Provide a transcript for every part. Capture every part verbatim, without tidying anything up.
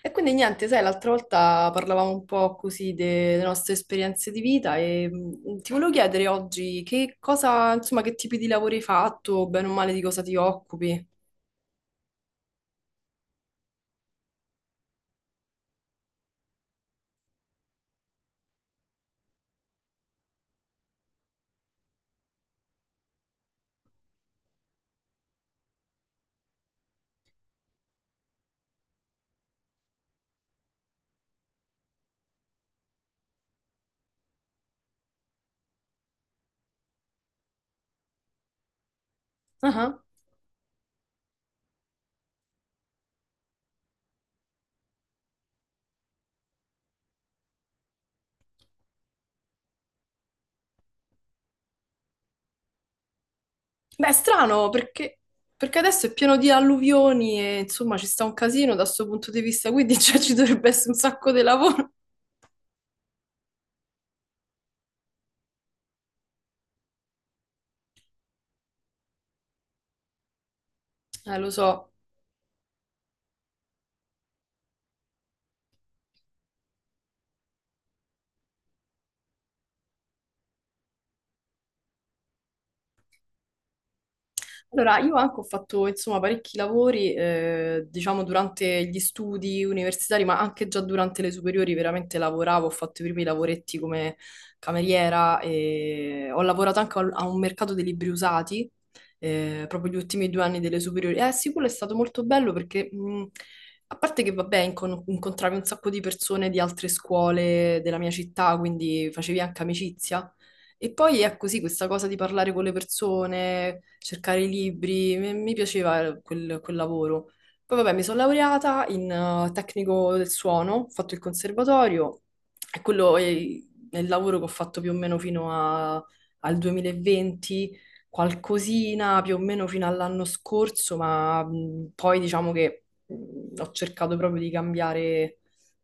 E quindi niente, sai, l'altra volta parlavamo un po' così de- delle nostre esperienze di vita e mh, ti volevo chiedere oggi che cosa, insomma, che tipi di lavori hai fatto, bene o male di cosa ti occupi. Ah. Beh, è strano perché, perché adesso è pieno di alluvioni e insomma ci sta un casino da questo punto di vista, quindi cioè, ci dovrebbe essere un sacco di lavoro. Eh, lo so. Allora, io anche ho fatto, insomma, parecchi lavori, eh, diciamo, durante gli studi universitari, ma anche già durante le superiori veramente lavoravo, ho fatto i primi lavoretti come cameriera e ho lavorato anche al- a un mercato dei libri usati, eh, proprio gli ultimi due anni delle superiori. Eh sì, quello è stato molto bello perché, mh, a parte che, vabbè, incon- incontravi un sacco di persone di altre scuole della mia città, quindi facevi anche amicizia. E poi è così questa cosa di parlare con le persone, cercare i libri, mi, mi piaceva eh, quel, quel lavoro. Poi vabbè, mi sono laureata in eh, tecnico del suono, ho fatto il conservatorio e quello è, è il lavoro che ho fatto più o meno fino a- al duemilaventi, qualcosina più o meno fino all'anno scorso, ma mh, poi diciamo che mh, ho cercato proprio di cambiare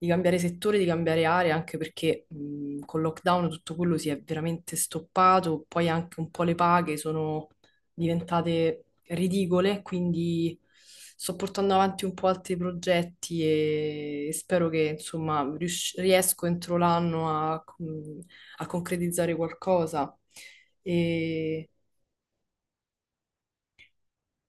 di cambiare settore, di cambiare area, anche perché mh, col lockdown tutto quello si è veramente stoppato, poi anche un po' le paghe sono diventate ridicole, quindi sto portando avanti un po' altri progetti e spero che insomma rius- riesco entro l'anno a, mh, a concretizzare qualcosa. E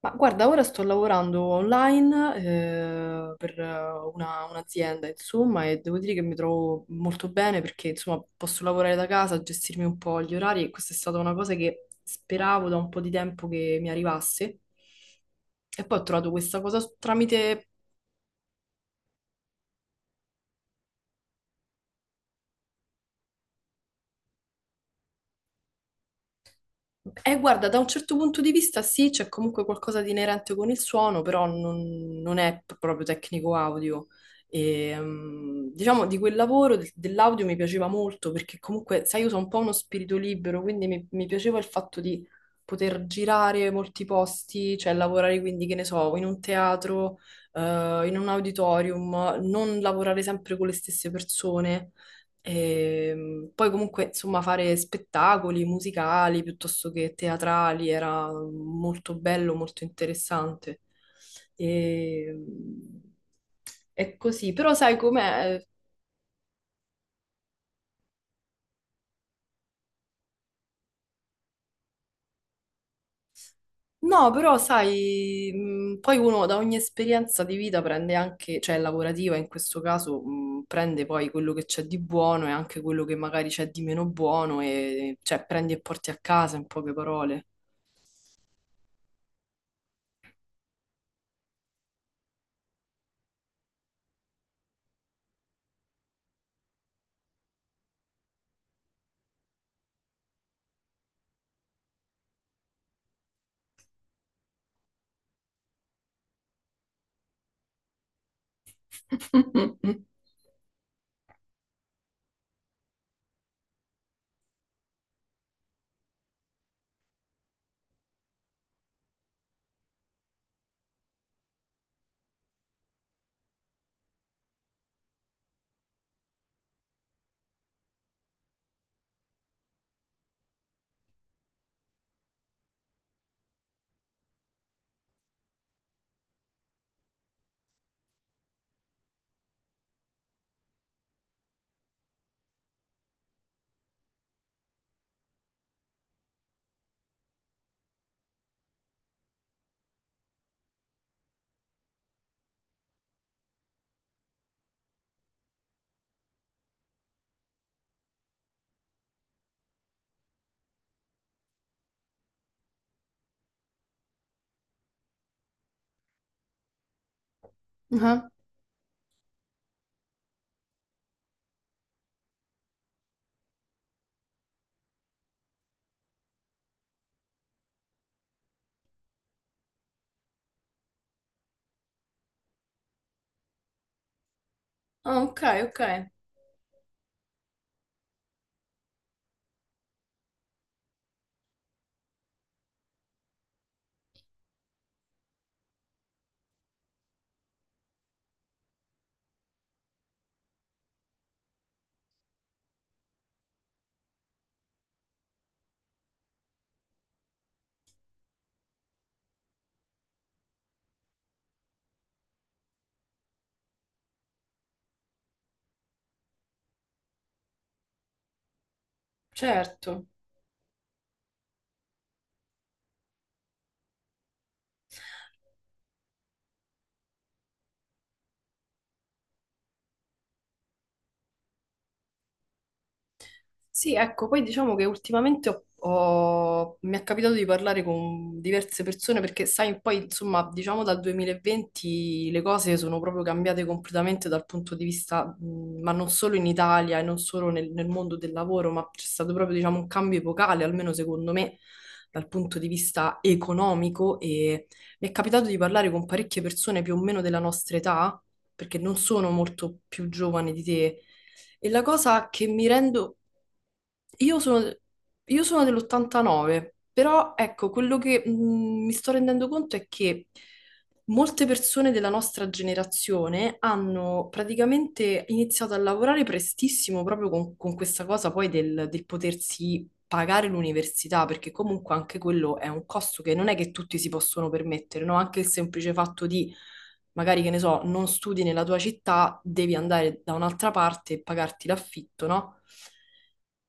ma guarda, ora sto lavorando online eh, per eh, una- un'azienda, insomma, e devo dire che mi trovo molto bene perché, insomma, posso lavorare da casa, gestirmi un po' gli orari e questa è stata una cosa che speravo da un po' di tempo che mi arrivasse. E poi ho trovato questa cosa s- tramite. Eh, guarda, da un certo punto di vista sì, c'è comunque qualcosa di inerente con il suono, però non, non è p- proprio tecnico audio. E, ehm, diciamo di quel lavoro de- dell'audio mi piaceva molto perché comunque, sai, io sono un po' uno spirito libero, quindi mi, mi piaceva il fatto di poter girare molti posti, cioè lavorare quindi, che ne so, in un teatro, eh, in un auditorium, non lavorare sempre con le stesse persone. E poi comunque, insomma, fare spettacoli musicali piuttosto che teatrali era molto bello, molto interessante. E... È così, però sai com'è? No, però sai, mh, poi uno da ogni esperienza di vita prende anche, cioè lavorativa in questo caso, mh, prende poi quello che c'è di buono e anche quello che magari c'è di meno buono e cioè prendi e porti a casa in poche parole. Ah, ok, ok. Certo. Sì, ecco, poi diciamo che ultimamente ho- ho- mi è capitato di parlare con diverse persone perché, sai, poi insomma, diciamo dal duemilaventi le cose sono proprio cambiate completamente dal punto di vista, mh, ma non solo in Italia e non solo nel, nel mondo del lavoro, ma c'è stato proprio, diciamo, un cambio epocale, almeno secondo me, dal punto di vista economico e mi è capitato di parlare con parecchie persone più o meno della nostra età, perché non sono molto più giovane di te. E la cosa che mi rendo io sono, io sono dell'ottantanove, però ecco, quello che mh, mi sto rendendo conto è che molte persone della nostra generazione hanno praticamente iniziato a lavorare prestissimo proprio con, con questa cosa poi del, del potersi pagare l'università, perché comunque anche quello è un costo che non è che tutti si possono permettere, no? Anche il semplice fatto di, magari che ne so, non studi nella tua città, devi andare da un'altra parte e pagarti l'affitto, no?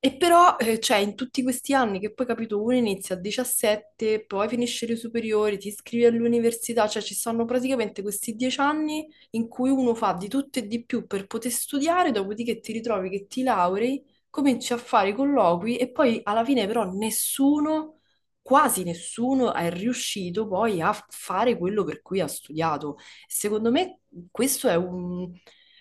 E però, eh, cioè, in tutti questi anni che poi, capito, uno inizia a diciassette, poi finisce le superiori, ti iscrivi all'università, cioè ci sono praticamente questi dieci anni in cui uno fa di tutto e di più per poter studiare, dopodiché ti ritrovi che ti laurei, cominci a fare i colloqui e poi alla fine però nessuno, quasi nessuno è riuscito poi a fare quello per cui ha studiato. Secondo me questo è un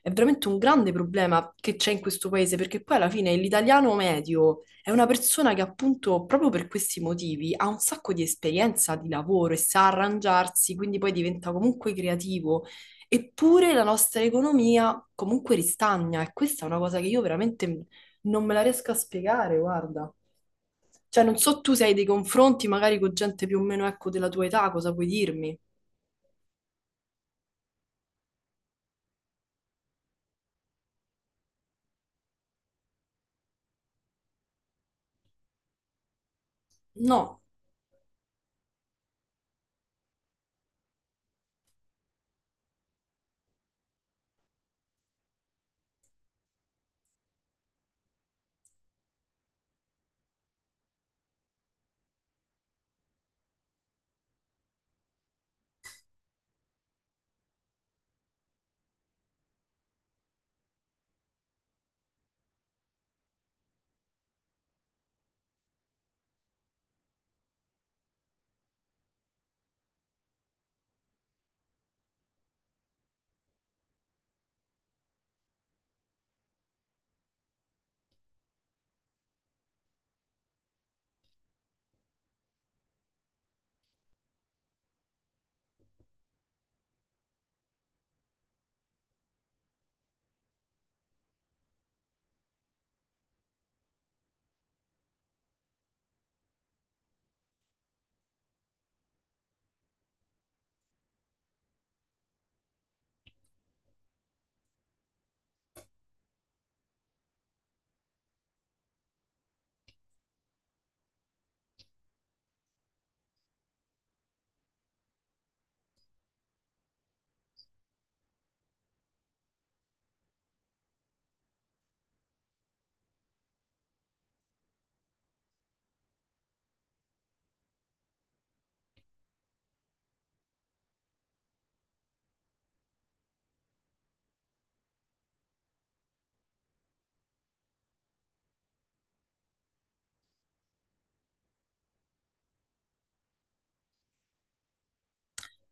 è veramente un grande problema che c'è in questo paese, perché poi alla fine l'italiano medio è una persona che appunto proprio per questi motivi ha un sacco di esperienza di lavoro e sa arrangiarsi, quindi poi diventa comunque creativo. Eppure la nostra economia comunque ristagna e questa è una cosa che io veramente non me la riesco a spiegare, guarda. Cioè, non so tu se hai dei confronti magari con gente più o meno, ecco, della tua età, cosa puoi dirmi? No.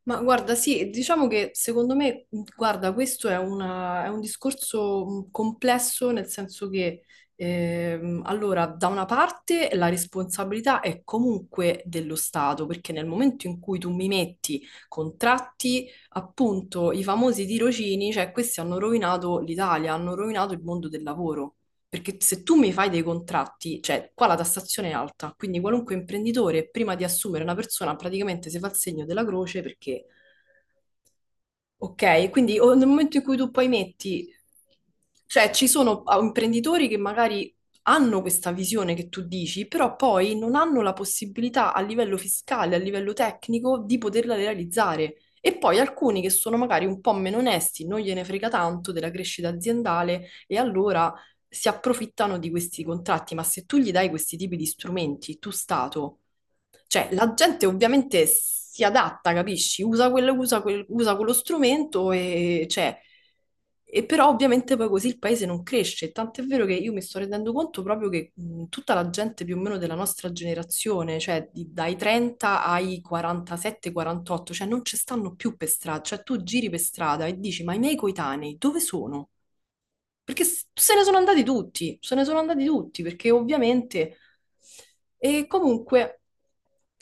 Ma guarda, sì, diciamo che secondo me, mh, guarda, questo è, una- è un discorso mh, complesso nel senso che, ehm, allora, da una parte la responsabilità è comunque dello Stato, perché nel momento in cui tu mi metti contratti, appunto, i famosi tirocini, cioè questi hanno rovinato l'Italia, hanno rovinato il mondo del lavoro. Perché se tu mi fai dei contratti, cioè qua la tassazione è alta, quindi qualunque imprenditore prima di assumere una persona praticamente si fa il segno della croce perché... Ok, quindi o- nel momento in cui tu poi metti, cioè ci sono ah, imprenditori che magari hanno questa visione che tu dici, però poi non hanno la possibilità a livello fiscale, a livello tecnico, di poterla realizzare. E poi alcuni che sono magari un po' meno onesti, non gliene frega tanto della crescita aziendale e allora si approfittano di questi contratti. Ma se tu gli dai questi tipi di strumenti, tu Stato. Cioè, la gente ovviamente si adatta, capisci? Usa quello, usa quel- usa quello strumento e, cioè, e però ovviamente poi così il paese non cresce. Tant'è vero che io mi sto rendendo conto proprio che mh, tutta la gente più o meno della nostra generazione, cioè di- dai trenta ai quarantasette quarantotto, cioè non ci stanno più per strada. Cioè tu giri per strada e dici, ma i miei coetanei dove sono? Perché s- se ne sono andati tutti, se ne sono andati tutti, perché ovviamente... E comunque,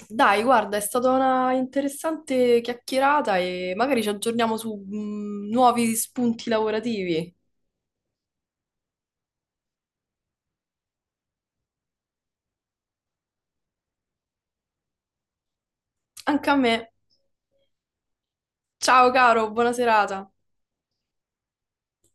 dai, guarda, è stata una interessante chiacchierata e magari ci aggiorniamo su mh, nuovi spunti lavorativi. Anche a me. Ciao caro, buona serata.